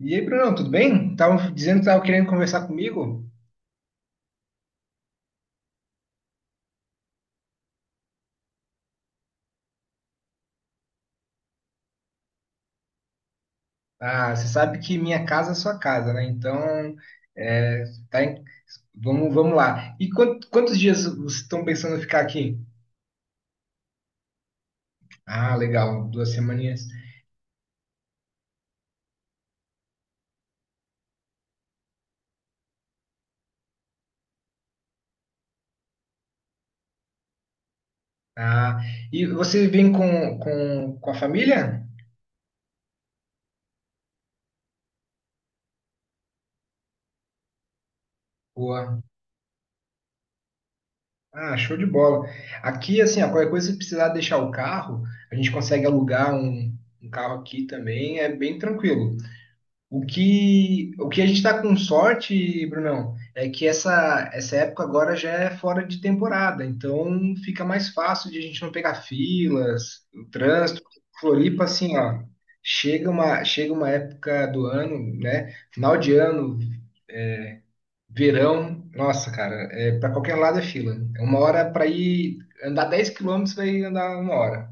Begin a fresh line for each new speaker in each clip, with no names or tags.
E aí, Bruno, tudo bem? Estavam dizendo que estavam querendo conversar comigo. Ah, você sabe que minha casa é sua casa, né? Então, é, tá em- vamos lá. E quantos dias vocês estão pensando em ficar aqui? Ah, legal, 2 semaninhas. Ah, e você vem com a família? Boa. Ah, show de bola. Aqui, assim, ó, qualquer coisa, se precisar deixar o carro, a gente consegue alugar um carro aqui também, é bem tranquilo. O que a gente está com sorte, Brunão, é que essa época agora já é fora de temporada, então fica mais fácil de a gente não pegar filas, o trânsito. Floripa, assim, ó, chega uma época do ano, né? Final de ano, verão, nossa, cara, para qualquer lado é fila. É uma hora para ir andar 10 quilômetros, vai andar uma hora.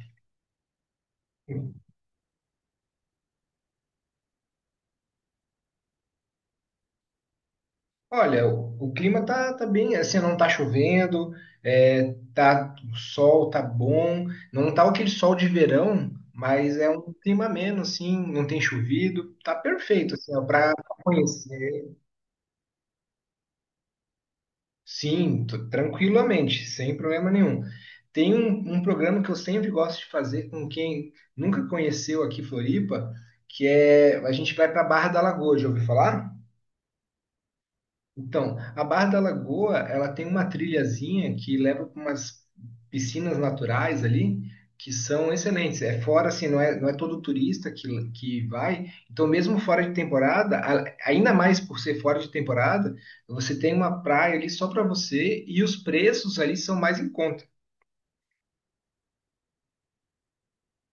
Olha, o clima tá bem, assim, não tá chovendo, tá, o sol tá bom, não tá aquele sol de verão, mas é um clima ameno, assim, não tem chovido, tá perfeito, assim, ó, pra conhecer. Sim, tranquilamente, sem problema nenhum. Tem um programa que eu sempre gosto de fazer com quem nunca conheceu aqui Floripa, que é, a gente vai pra Barra da Lagoa, já ouviu falar? Então, a Barra da Lagoa, ela tem uma trilhazinha que leva para umas piscinas naturais ali, que são excelentes. É fora, assim, não é todo turista que vai. Então, mesmo fora de temporada, ainda mais por ser fora de temporada, você tem uma praia ali só para você e os preços ali são mais em conta.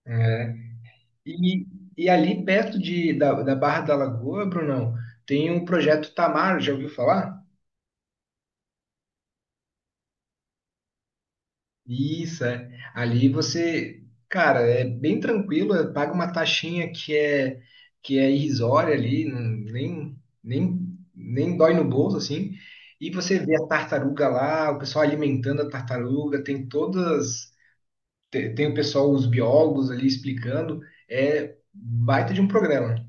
É. E, e ali perto da Barra da Lagoa, Brunão, tem um projeto Tamar, já ouviu falar? Isso, é. Ali você, cara, é bem tranquilo, é, paga uma taxinha que é irrisória ali, nem dói no bolso assim. E você vê a tartaruga lá, o pessoal alimentando a tartaruga, tem todas o pessoal, os biólogos ali explicando, é baita de um programa.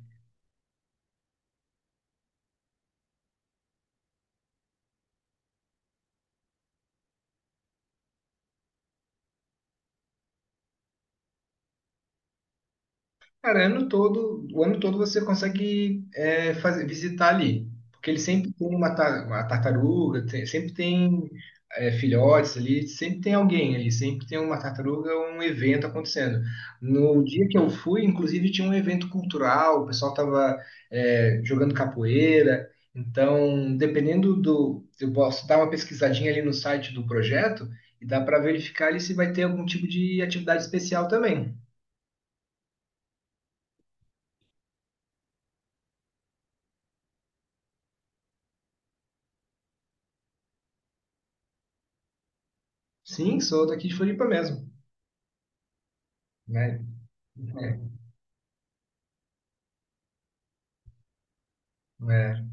Cara, o ano todo você consegue fazer, visitar ali, porque ele sempre tem uma tartaruga, sempre tem filhotes ali, sempre tem alguém ali, sempre tem uma tartaruga, um evento acontecendo. No dia que eu fui, inclusive, tinha um evento cultural, o pessoal estava jogando capoeira, então, dependendo do. Eu posso dar uma pesquisadinha ali no site do projeto e dá para verificar ali se vai ter algum tipo de atividade especial também. Sim, sou daqui de Floripa mesmo, né? É, é.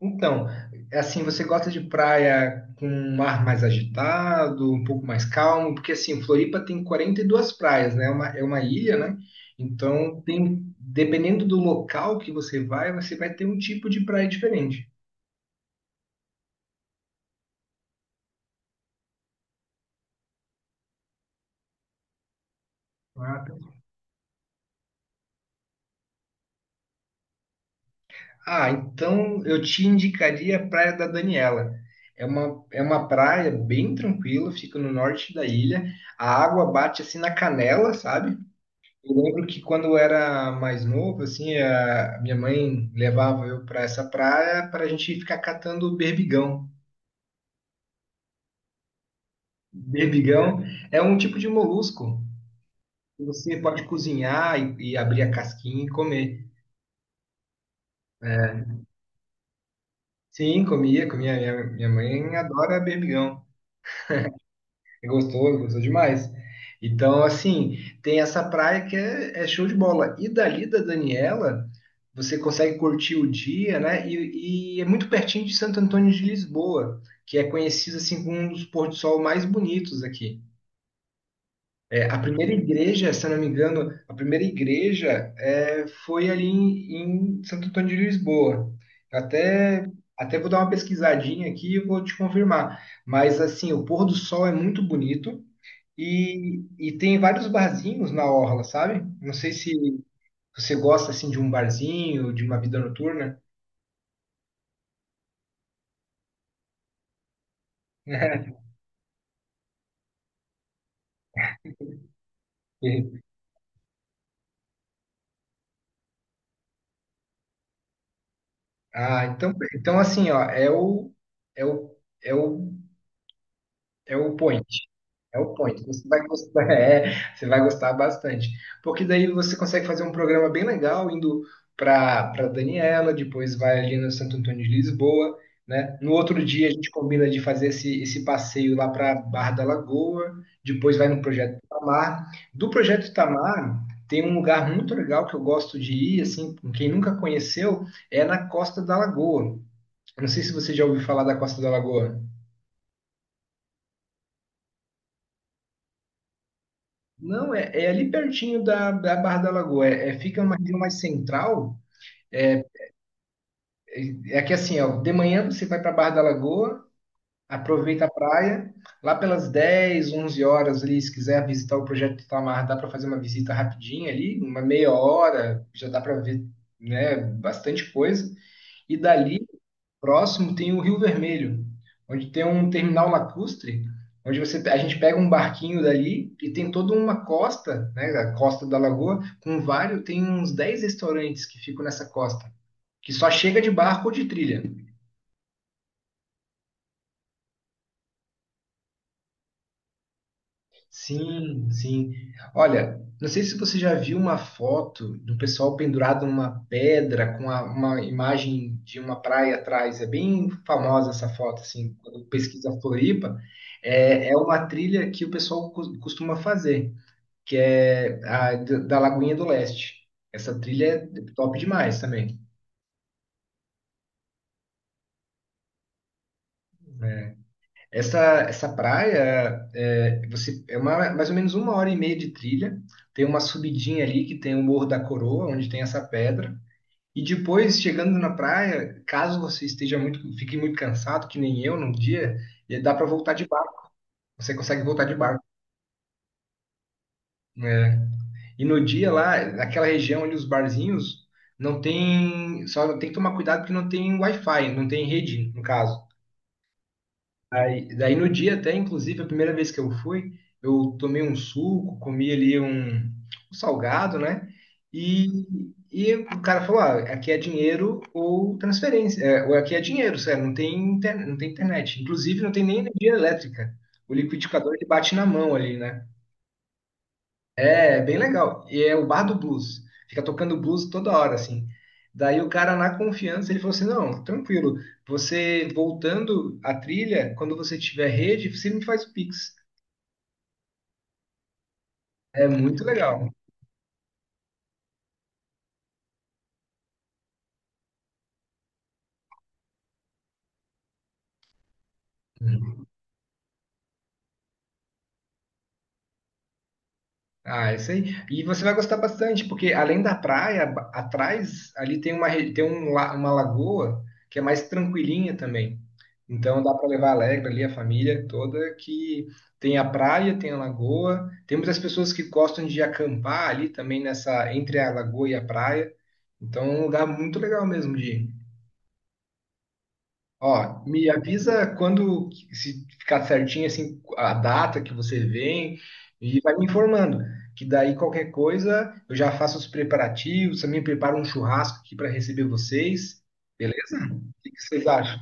Então, é assim, você gosta de praia com um mar mais agitado, um pouco mais calmo, porque assim, Floripa tem 42 praias, né? É uma ilha, né? Então, tem, dependendo do local que você vai ter um tipo de praia diferente. Ah, tá. Ah, então eu te indicaria a Praia da Daniela. É uma praia bem tranquila, fica no norte da ilha. A água bate assim na canela, sabe? Eu lembro que quando eu era mais novo, assim, a minha mãe levava eu para essa praia para a gente ficar catando berbigão. Berbigão é um tipo de molusco que você pode cozinhar e abrir a casquinha e comer. É, sim, comia, comia. Minha mãe adora berbigão. Gostou, gostou demais. Então, assim, tem essa praia que é show de bola. E dali da Daniela, você consegue curtir o dia, né? E é muito pertinho de Santo Antônio de Lisboa, que é conhecido assim como um dos pôr do sol mais bonitos aqui. É, a primeira igreja, se eu não me engano, a primeira igreja foi ali em Santo Antônio de Lisboa. Até, até vou dar uma pesquisadinha aqui e vou te confirmar. Mas assim, o pôr do sol é muito bonito. E tem vários barzinhos na orla, sabe? Não sei se você gosta assim de um barzinho, de uma vida noturna. Ah, então, assim, ó, é o, é o É o point. É o point. Você vai gostar, você vai gostar bastante. Porque daí você consegue fazer um programa bem legal indo para Daniela, depois vai ali no Santo Antônio de Lisboa, né? No outro dia a gente combina de fazer esse passeio lá para Barra da Lagoa, depois vai no Projeto Itamar. Do Projeto Itamar tem um lugar muito legal que eu gosto de ir, assim, quem nunca conheceu, é na Costa da Lagoa. Eu não sei se você já ouviu falar da Costa da Lagoa. Não, é ali pertinho da Barra da Lagoa. Fica numa região mais central. É que assim, ó, de manhã você vai para a Barra da Lagoa, aproveita a praia. Lá pelas 10, 11 horas ali, se quiser visitar o Projeto Itamar, dá para fazer uma visita rapidinha ali, uma meia hora, já dá para ver, né, bastante coisa. E dali, próximo, tem o Rio Vermelho, onde tem um terminal lacustre, onde você, a gente pega um barquinho dali e tem toda uma costa, né, a costa da lagoa, com vários, tem uns 10 restaurantes que ficam nessa costa, que só chega de barco ou de trilha. Sim, sim. Olha, não sei se você já viu uma foto do pessoal pendurado numa pedra com uma imagem de uma praia atrás. É bem famosa essa foto, assim, quando pesquisa Floripa. É uma trilha que o pessoal costuma fazer, que é a da Lagoinha do Leste. Essa trilha é top demais também. Essa praia é mais ou menos uma hora e meia de trilha. Tem uma subidinha ali que tem o Morro da Coroa, onde tem essa pedra. E depois, chegando na praia, caso você fique muito cansado, que nem eu num dia, e dá para voltar de barco. Você consegue voltar de barco, né? E no dia lá, naquela região ali, os barzinhos, não tem. Só tem que tomar cuidado porque não tem Wi-Fi, não tem rede, no caso. Aí, daí no dia até, inclusive, a primeira vez que eu fui, eu tomei um suco, comi ali um salgado, né? E o cara falou, ah, aqui é dinheiro ou transferência, é, ou aqui é dinheiro, sério, não tem, não tem internet. Inclusive, não tem nem energia elétrica. O liquidificador, ele bate na mão ali, né? É bem legal. E é o bar do blues. Fica tocando blues toda hora, assim. Daí o cara, na confiança, ele falou assim: Não, tranquilo. Você voltando a trilha, quando você tiver rede, você me faz o pix. É muito legal. Ah, isso aí. E você vai gostar bastante, porque além da praia, atrás ali tem uma, re- tem um, la- uma lagoa que é mais tranquilinha também. Então dá para levar alegre ali a família toda, que tem a praia, tem a lagoa. Tem muitas pessoas que gostam de acampar ali também nessa, entre a lagoa e a praia. Então é um lugar muito legal mesmo de ir. Ó, me avisa quando, se ficar certinho assim, a data que você vem e vai me informando, que daí qualquer coisa eu já faço os preparativos, também preparo um churrasco aqui para receber vocês, beleza? O que que vocês acham?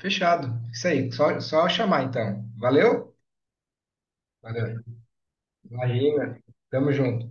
Fechado. Isso aí, só chamar então. Valeu? Valeu. Imagina. Tamo junto.